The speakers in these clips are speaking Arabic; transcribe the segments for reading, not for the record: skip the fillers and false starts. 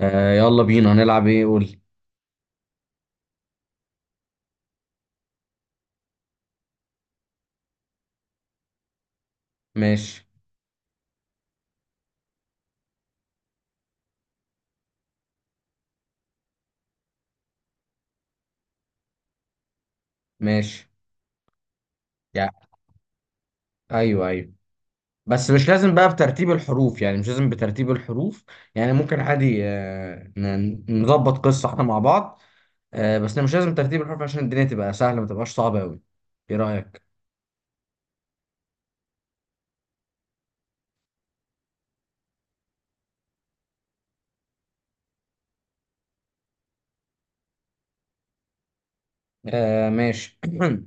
آه، يلا بينا، هنلعب ايه؟ قول. ماشي. ماشي. يعني ايوه، ايوه، بس مش لازم بقى بترتيب الحروف. يعني مش لازم بترتيب الحروف، يعني ممكن عادي آه نظبط قصة احنا مع بعض. آه بس مش لازم ترتيب الحروف عشان الدنيا تبقى سهلة ما تبقاش صعبة قوي. ايه رأيك؟ آه ماشي.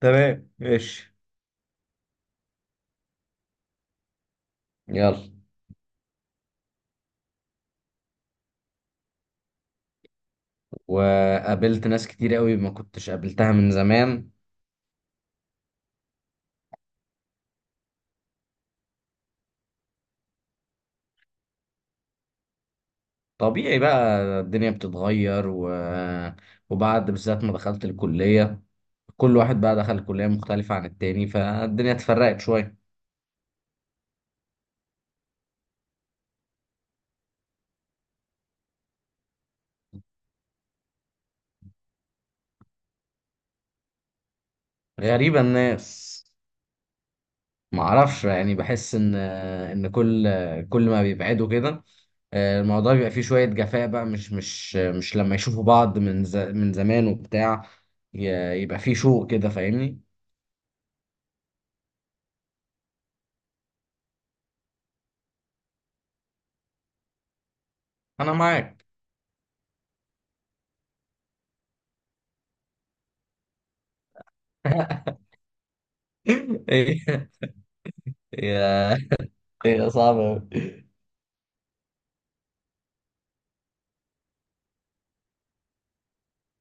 تمام ماشي. يلا. وقابلت ناس كتير قوي ما كنتش قابلتها من زمان. طبيعي بقى، الدنيا بتتغير وبعد بالذات ما دخلت الكلية، كل واحد بقى دخل كلية مختلفة عن التاني، فالدنيا اتفرقت شوية. غريبة الناس. معرفش، يعني بحس ان كل كل ما بيبعدوا كده الموضوع بيبقى فيه شوية جفاء بقى، مش لما يشوفوا بعض من زمان وبتاع، يبقى فيه شوق كده، فاهمني. انا معاك. هي هي هي صعبة أوي.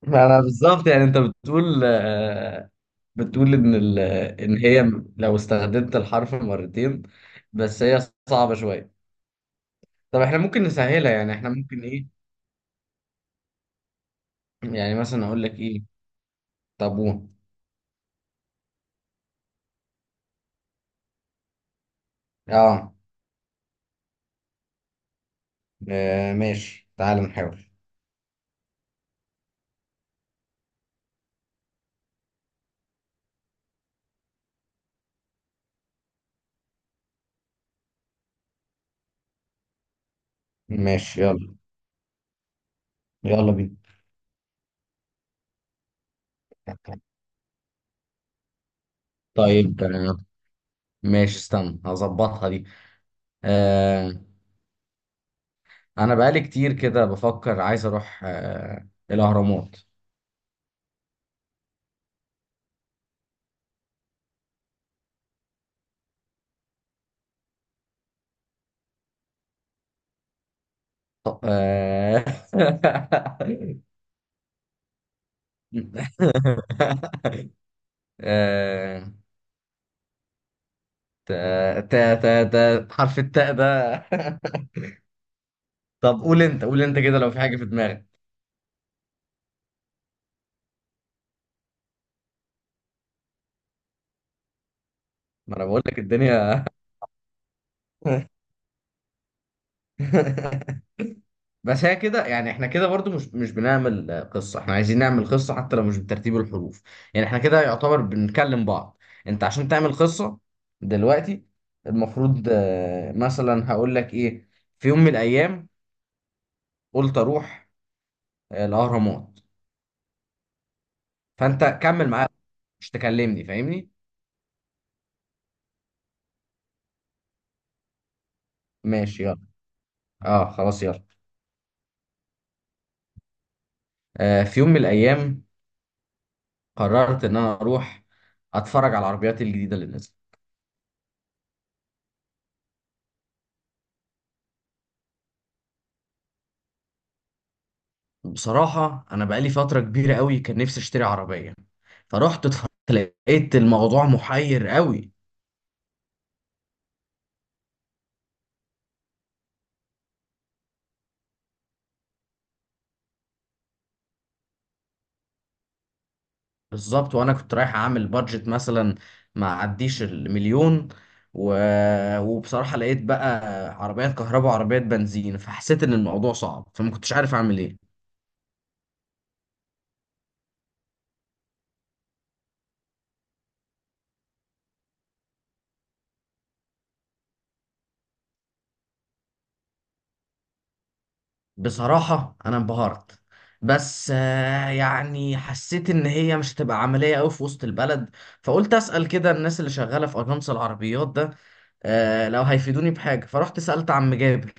ما انا بالظبط. يعني انت بتقول آه، بتقول ان هي لو استخدمت الحرف مرتين، بس هي صعبة شوية. طب احنا ممكن نسهلها، يعني احنا ممكن ايه. يعني مثلا اقول لك ايه؟ طابون. اه. آه، ماشي، تعال نحاول. ماشي يلا. يلا بينا. طيب آه، ماشي، استنى هظبطها دي. آه. انا بقالي كتير كده بفكر عايز اروح آه الاهرامات. آه. آه، تا حرف التاء ده. طب قول انت، قول انت كده لو في حاجة في دماغك. ما انا بقول لك الدنيا. بس هي كده، يعني احنا كده برضو مش بنعمل آه، قصة. احنا عايزين نعمل قصة حتى لو مش بترتيب الحروف. يعني احنا كده يعتبر بنكلم بعض. انت عشان تعمل قصة دلوقتي، المفروض آه، مثلا هقول لك ايه. في يوم من الايام قلت اروح آه، الاهرامات. فانت كمل معايا، مش تكلمني، فاهمني. ماشي يلا. اه خلاص يلا. آه في يوم من الايام قررت ان انا اروح اتفرج على العربيات الجديده اللي نزلت. بصراحه انا بقالي فتره كبيره قوي كان نفسي اشتري عربيه، فرحت اتفرجت، لقيت الموضوع محير قوي. بالظبط. وانا كنت رايح اعمل بادجت مثلا ما عديش المليون و... وبصراحه لقيت بقى عربيات كهرباء وعربيات بنزين، فحسيت ان الموضوع صعب، فما كنتش عارف اعمل ايه. بصراحة أنا انبهرت، بس آه، يعني حسيت إن هي مش هتبقى عملية أوي في وسط البلد، فقلت أسأل كده الناس اللي شغالة في أجانس العربيات ده آه، لو هيفيدوني بحاجة، فرحت سألت عم جابر.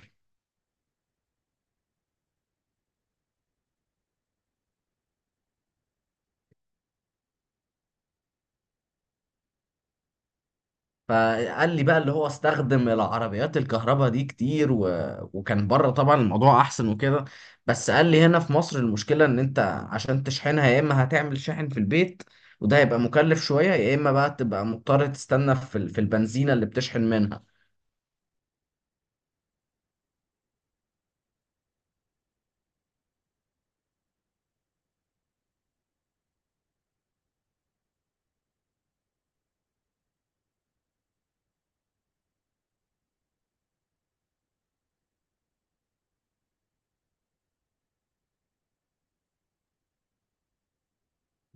فقال لي بقى، اللي هو استخدم العربيات الكهرباء دي كتير وكان بره طبعا الموضوع أحسن وكده، بس قال لي هنا في مصر المشكلة إن أنت عشان تشحنها، يا إما هتعمل شاحن في البيت وده هيبقى مكلف شوية، يا إما بقى تبقى مضطر تستنى في في البنزينة اللي بتشحن منها.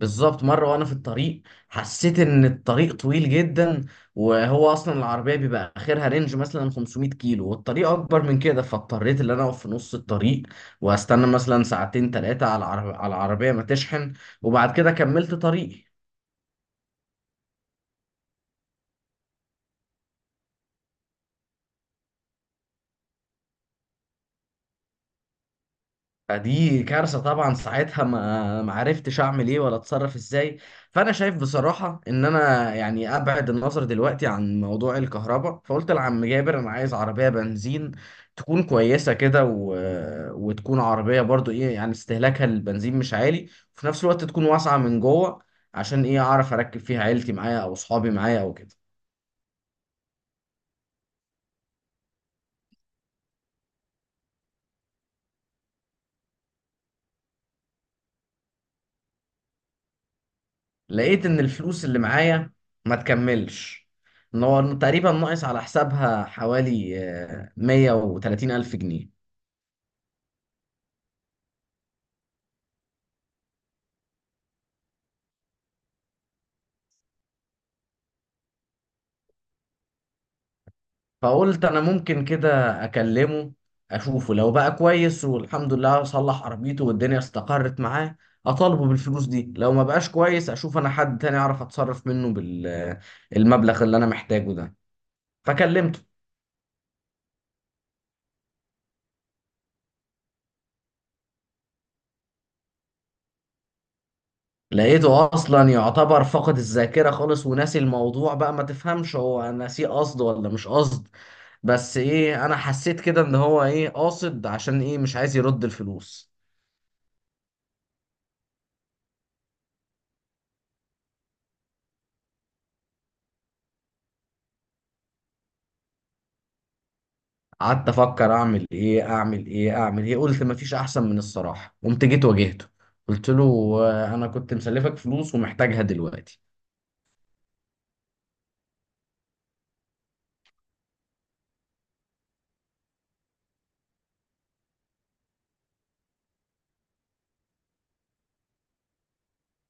بالظبط، مرة وأنا في الطريق حسيت إن الطريق طويل جدا، وهو أصلا العربية بيبقى آخرها رينج مثلا 500 كيلو والطريق أكبر من كده، فاضطريت إن أنا أقف في نص الطريق وأستنى مثلا ساعتين تلاتة على على العربية ما تشحن، وبعد كده كملت طريقي. فدي كارثة طبعا ساعتها، ما عرفتش اعمل ايه ولا اتصرف ازاي. فانا شايف بصراحة ان انا يعني ابعد النظر دلوقتي عن موضوع الكهرباء، فقلت لعم جابر انا عايز عربية بنزين تكون كويسة كده وتكون عربية برضو ايه، يعني استهلاكها للبنزين مش عالي، وفي نفس الوقت تكون واسعة من جوه عشان ايه، اعرف اركب فيها عيلتي معايا او اصحابي معايا او كده. لقيت ان الفلوس اللي معايا ما تكملش، ان هو تقريبا ناقص على حسابها حوالي آه، 130 الف جنيه. فقلت انا ممكن كده اكلمه، اشوفه لو بقى كويس والحمد لله صلح عربيته والدنيا استقرت معاه اطالبه بالفلوس دي، لو ما بقاش كويس اشوف انا حد تاني اعرف اتصرف منه بالمبلغ اللي انا محتاجه ده. فكلمته. لقيته اصلا يعتبر فقد الذاكره خالص وناسي الموضوع بقى، ما تفهمش هو ناسيه قصد ولا مش قصد، بس ايه انا حسيت كده ان هو ايه قاصد، عشان ايه مش عايز يرد الفلوس. قعدت افكر اعمل ايه اعمل ايه اعمل ايه، قلت مفيش احسن من الصراحه، قمت جيت واجهته، قلت له آه، انا كنت مسلفك فلوس ومحتاجها دلوقتي.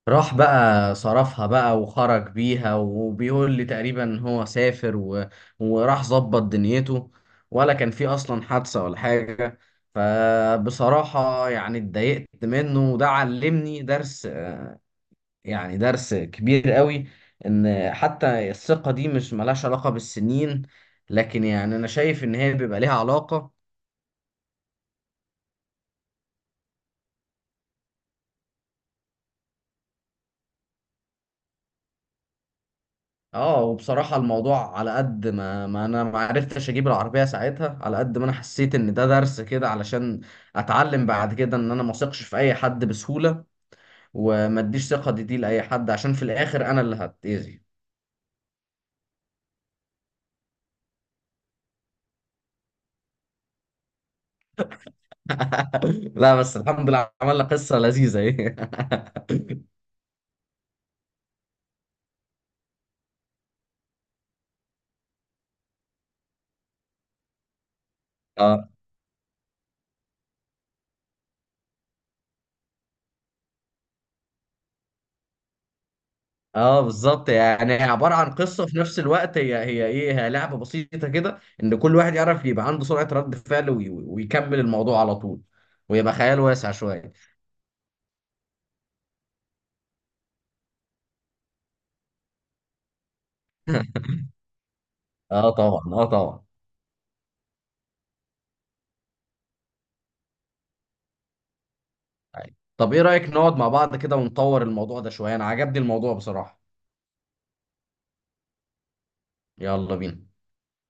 راح بقى صرفها بقى وخرج بيها وبيقول لي تقريبا هو سافر وراح ظبط دنيته، ولا كان في اصلا حادثة ولا حاجة. فبصراحة يعني اتضايقت منه، وده علمني درس، يعني درس كبير قوي، ان حتى الثقة دي مش ملهاش علاقة بالسنين، لكن يعني انا شايف ان هي بيبقى ليها علاقة. اه وبصراحة الموضوع على قد ما, انا ما عرفتش اجيب العربية ساعتها، على قد ما انا حسيت ان ده درس كده علشان اتعلم بعد كده ان انا ما اثقش في اي حد بسهولة، وما اديش ثقة دي لاي حد، عشان في الاخر انا اللي هتأذي. لا بس الحمد لله، عملنا قصة لذيذة ايه. اه. اه بالظبط، يعني هي عباره عن قصه في نفس الوقت، هي هي ايه هي لعبه بسيطه كده، ان كل واحد يعرف يبقى عنده سرعه رد فعل ويكمل الموضوع على طول، ويبقى خيال واسع شويه. اه طبعا، اه طبعا. طيب، طب ايه رأيك نقعد مع بعض كده ونطور الموضوع ده شوية، انا عجبني الموضوع بصراحة. يلا بينا.